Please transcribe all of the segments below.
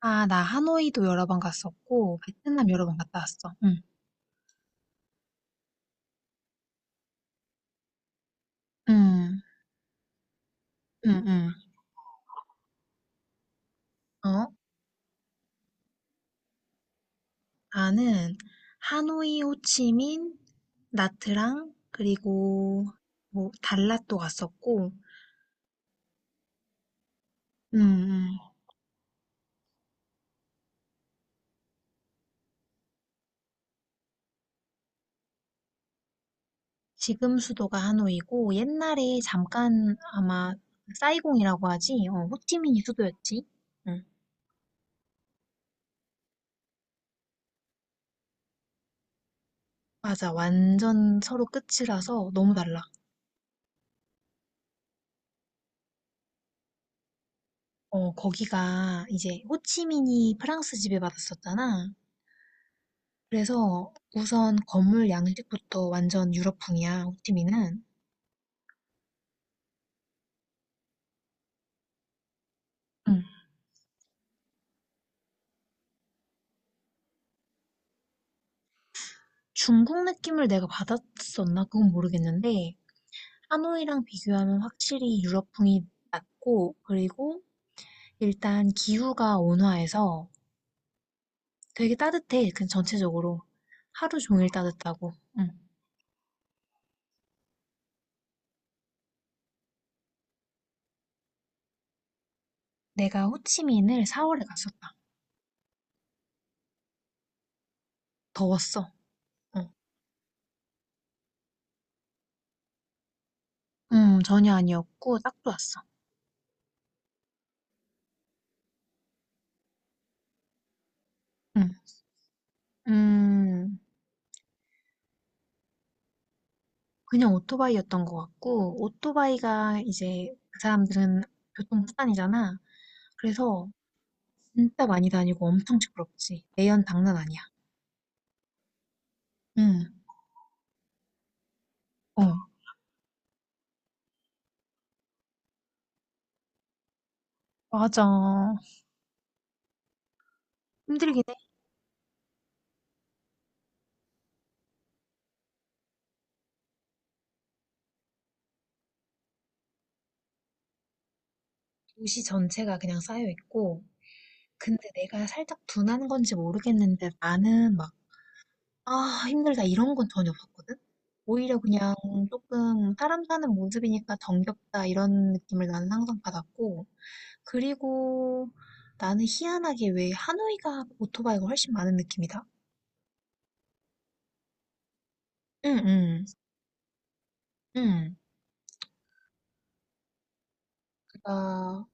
아 나 하노이도 여러 번 갔었고 베트남 여러 번 갔다 왔어. 응. 응 응 응. 어? 나는 하노이, 호치민, 나트랑, 그리고 뭐 달랏도 갔었고. 응 응. 지금 수도가 하노이고 옛날에 잠깐 아마 사이공이라고 하지? 호치민이 수도였지? 응. 맞아. 완전 서로 끝이라서 너무 달라. 거기가 이제 호치민이 프랑스 지배받았었잖아. 그래서 우선 건물 양식부터 완전 유럽풍이야, 호찌민은. 응. 중국 느낌을 내가 받았었나? 그건 모르겠는데, 하노이랑 비교하면 확실히 유럽풍이 낮고, 그리고 일단 기후가 온화해서 되게 따뜻해. 그 전체적으로. 하루 종일 따뜻하고. 응. 내가 호치민을 4월에 갔었다. 더웠어. 응. 전혀 아니었고, 딱 좋았어. 응. 음, 그냥 오토바이였던 것 같고, 오토바이가 이제 그 사람들은 교통수단이잖아. 그래서 진짜 많이 다니고 엄청 시끄럽지. 매연 장난 아니야. 응, 어, 맞아. 힘들긴 해. 도시 전체가 그냥 쌓여 있고, 근데 내가 살짝 둔한 건지 모르겠는데 나는 막, 아, 힘들다 이런 건 전혀 없었거든? 오히려 그냥 조금 사람 사는 모습이니까 정겹다 이런 느낌을 나는 항상 받았고, 그리고 나는 희한하게 왜 하노이가 오토바이가 훨씬 많은 느낌이다? 응, 응, 응. 그니까,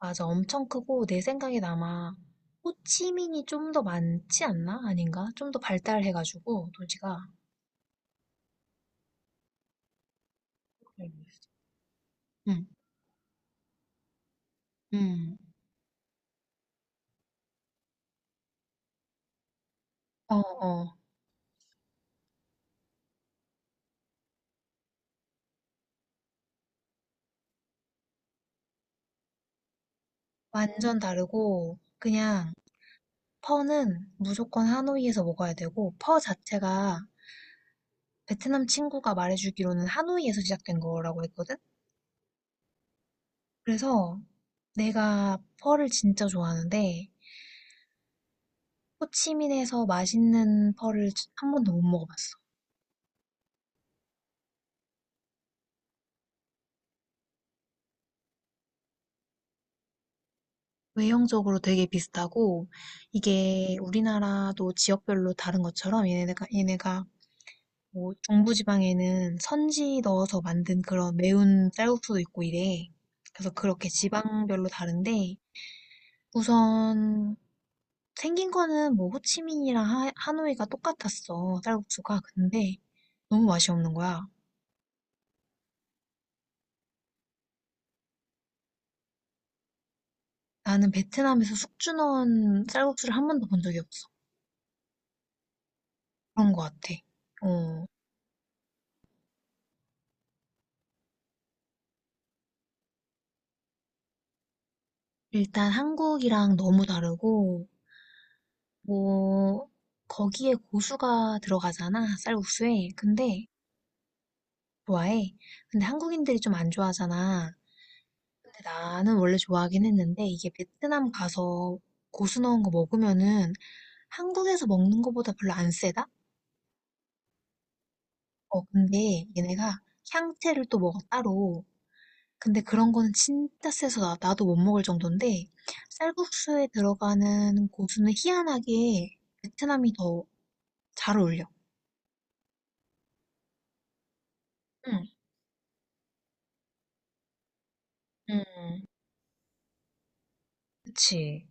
맞아. 엄청 크고, 내 생각에 아마, 호치민이 좀 더 많지 않나? 아닌가? 좀 더 발달해가지고, 도시가. 응, 응. 어, 어. 완전 다르고, 그냥, 퍼는 무조건 하노이에서 먹어야 되고, 퍼 자체가 베트남 친구가 말해주기로는 하노이에서 시작된 거라고 했거든? 그래서 내가 펄을 진짜 좋아하는데 호치민에서 맛있는 펄을 한 번도 못 먹어봤어. 외형적으로 되게 비슷하고 이게 우리나라도 지역별로 다른 것처럼 얘네가 뭐 중부지방에는 선지 넣어서 만든 그런 매운 쌀국수도 있고 이래. 그래서 그렇게 지방별로 다른데 우선 생긴 거는 뭐 호치민이랑 하노이가 똑같았어 쌀국수가. 근데 너무 맛이 없는 거야. 나는 베트남에서 숙주 넣은 쌀국수를 한 번도 본 적이 없어. 그런 것 같아. 어, 일단 한국이랑 너무 다르고, 뭐, 거기에 고수가 들어가잖아, 쌀국수에. 근데, 좋아해. 근데 한국인들이 좀 안 좋아하잖아. 근데 나는 원래 좋아하긴 했는데, 이게 베트남 가서 고수 넣은 거 먹으면은 한국에서 먹는 거보다 별로 안 세다? 근데 얘네가 향채를 또 먹어, 따로. 근데 그런 거는 진짜 세서 나 나도 못 먹을 정도인데 쌀국수에 들어가는 고수는 희한하게 베트남이 더 잘 어울려. 응, 응, 그치.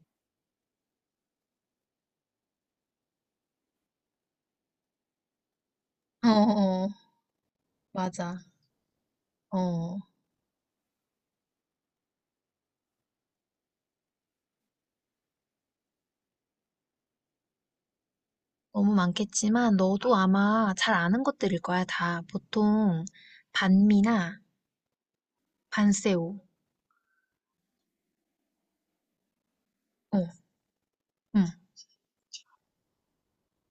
어, 어, 어. 맞아. 어, 너무 많겠지만 너도 아마 잘 아는 것들일 거야, 다. 보통 반미나 반세오. 어, 응,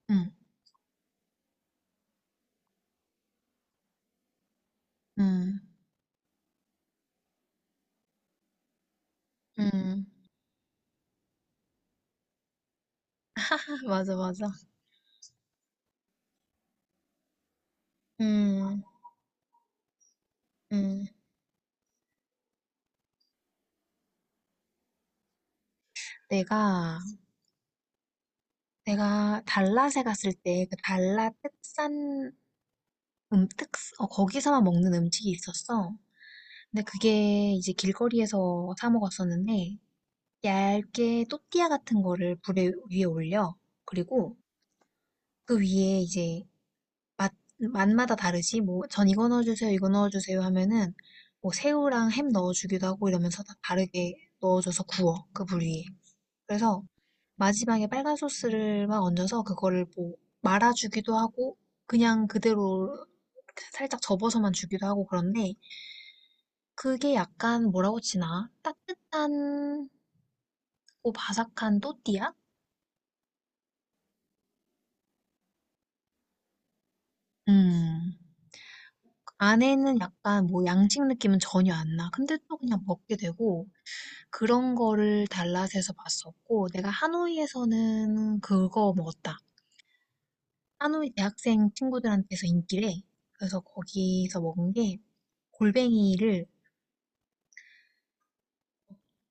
응, 응, 응. 맞아, 맞아. 음, 음. 내가 내가 달랏에 갔을 때 그 달랏 특산, 음, 특, 거기서만 먹는 음식이 있었어. 근데 그게 이제 길거리에서 사 먹었었는데 얇게 또띠아 같은 거를 불에 위에 올려. 그리고 그 위에 이제 맛 맛마다 다르지. 뭐 전 이거 넣어주세요, 이거 넣어주세요 하면은 뭐 새우랑 햄 넣어주기도 하고 이러면서 다 다르게 넣어줘서 구워 그 불 위에. 그래서 마지막에 빨간 소스를 막 얹어서 그거를 뭐 말아주기도 하고 그냥 그대로 살짝 접어서만 주기도 하고 그런데 그게 약간 뭐라고 치나? 따뜻한 고 바삭한 또띠아? 음. 안에는 약간 뭐 양식 느낌은 전혀 안 나. 근데 또 그냥 먹게 되고 그런 거를 달랏에서 봤었고 내가 하노이에서는 그거 먹었다. 하노이 대학생 친구들한테서 인기래. 그래서 거기서 먹은 게 골뱅이를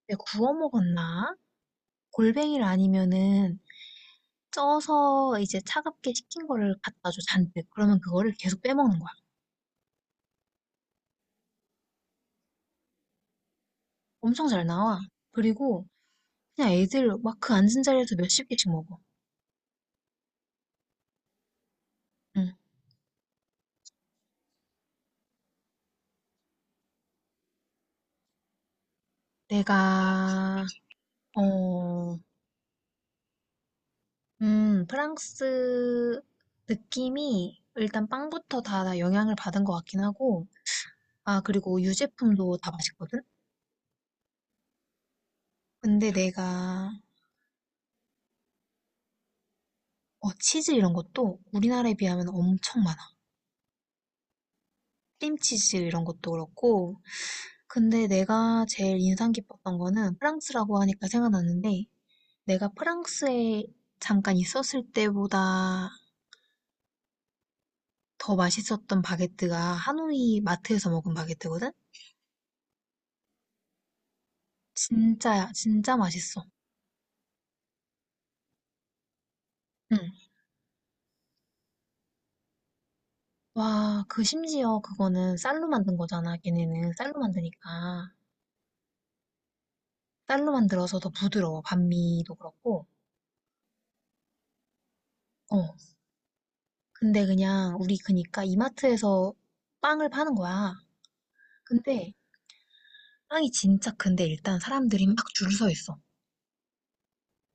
왜 구워 먹었나? 골뱅이를 아니면은 쪄서 이제 차갑게 식힌 거를 갖다 줘, 잔뜩. 그러면 그거를 계속 빼먹는 거야. 엄청 잘 나와. 그리고 그냥 애들 막 그 앉은 자리에서 몇십 개씩 먹어. 응. 내가, 어, 프랑스 느낌이 일단 빵부터 다 영향을 받은 것 같긴 하고, 아, 그리고 유제품도 다 맛있거든? 근데 치즈 이런 것도 우리나라에 비하면 엄청 많아. 크림치즈 이런 것도 그렇고. 근데 내가 제일 인상 깊었던 거는 프랑스라고 하니까 생각났는데 내가 프랑스에 잠깐 있었을 때보다 더 맛있었던 바게트가 하노이 마트에서 먹은 바게트거든? 진짜야, 진짜 맛있어. 응. 와, 그 심지어 그거는 쌀로 만든 거잖아. 걔네는 쌀로 만드니까. 쌀로 만들어서 더 부드러워. 반미도 그렇고. 어. 근데 그냥 우리 그니까 이마트에서 빵을 파는 거야. 근데 빵이 진짜 큰데 일단 사람들이 막 줄 서 있어.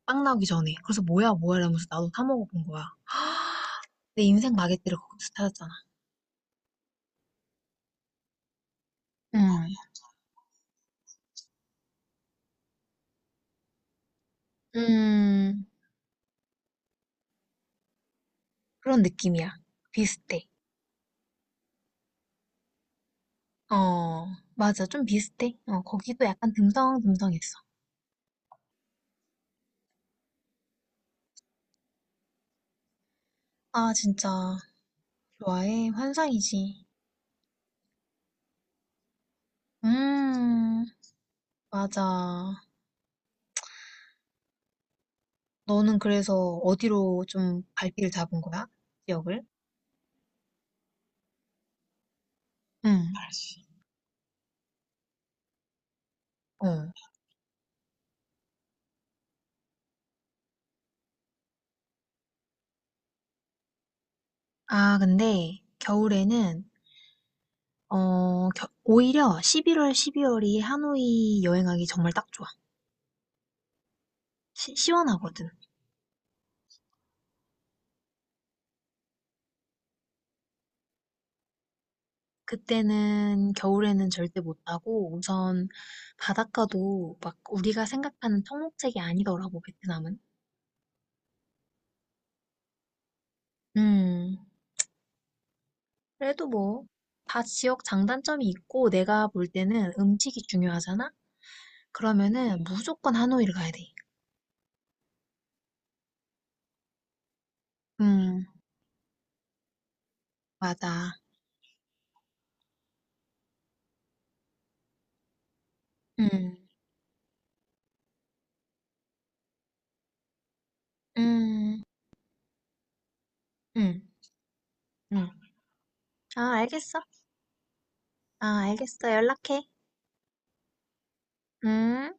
빵 나오기 전에. 그래서 뭐야 뭐야 이러면서 나도 사 먹어본 거야. 내 인생 마게트를 거기서 찾았잖아. 음, 음, 그런 느낌이야. 비슷해. 어, 맞아. 좀 비슷해. 거기도 약간 듬성듬성했어. 아, 진짜. 좋아해. 환상이지. 음, 맞아. 너는 그래서 어디로 좀 발길을 잡은 거야? 지역을? 응. 알지. 어. 아, 근데 겨울에는 오히려 11월, 12월이 하노이 여행하기 정말 딱 좋아. 원하거든. 그때는 겨울에는 절대 못 가고 우선 바닷가도 막 우리가 생각하는 청록색이 아니더라고, 베트남은. 음. 그래도 뭐 다 지역 장단점이 있고 내가 볼 때는 음식이 중요하잖아. 그러면은 무조건 하노이를 가야 돼. 음, 맞아. 음, 음, 음, 음. 아, 알겠어. 아, 알겠어. 연락해. 음.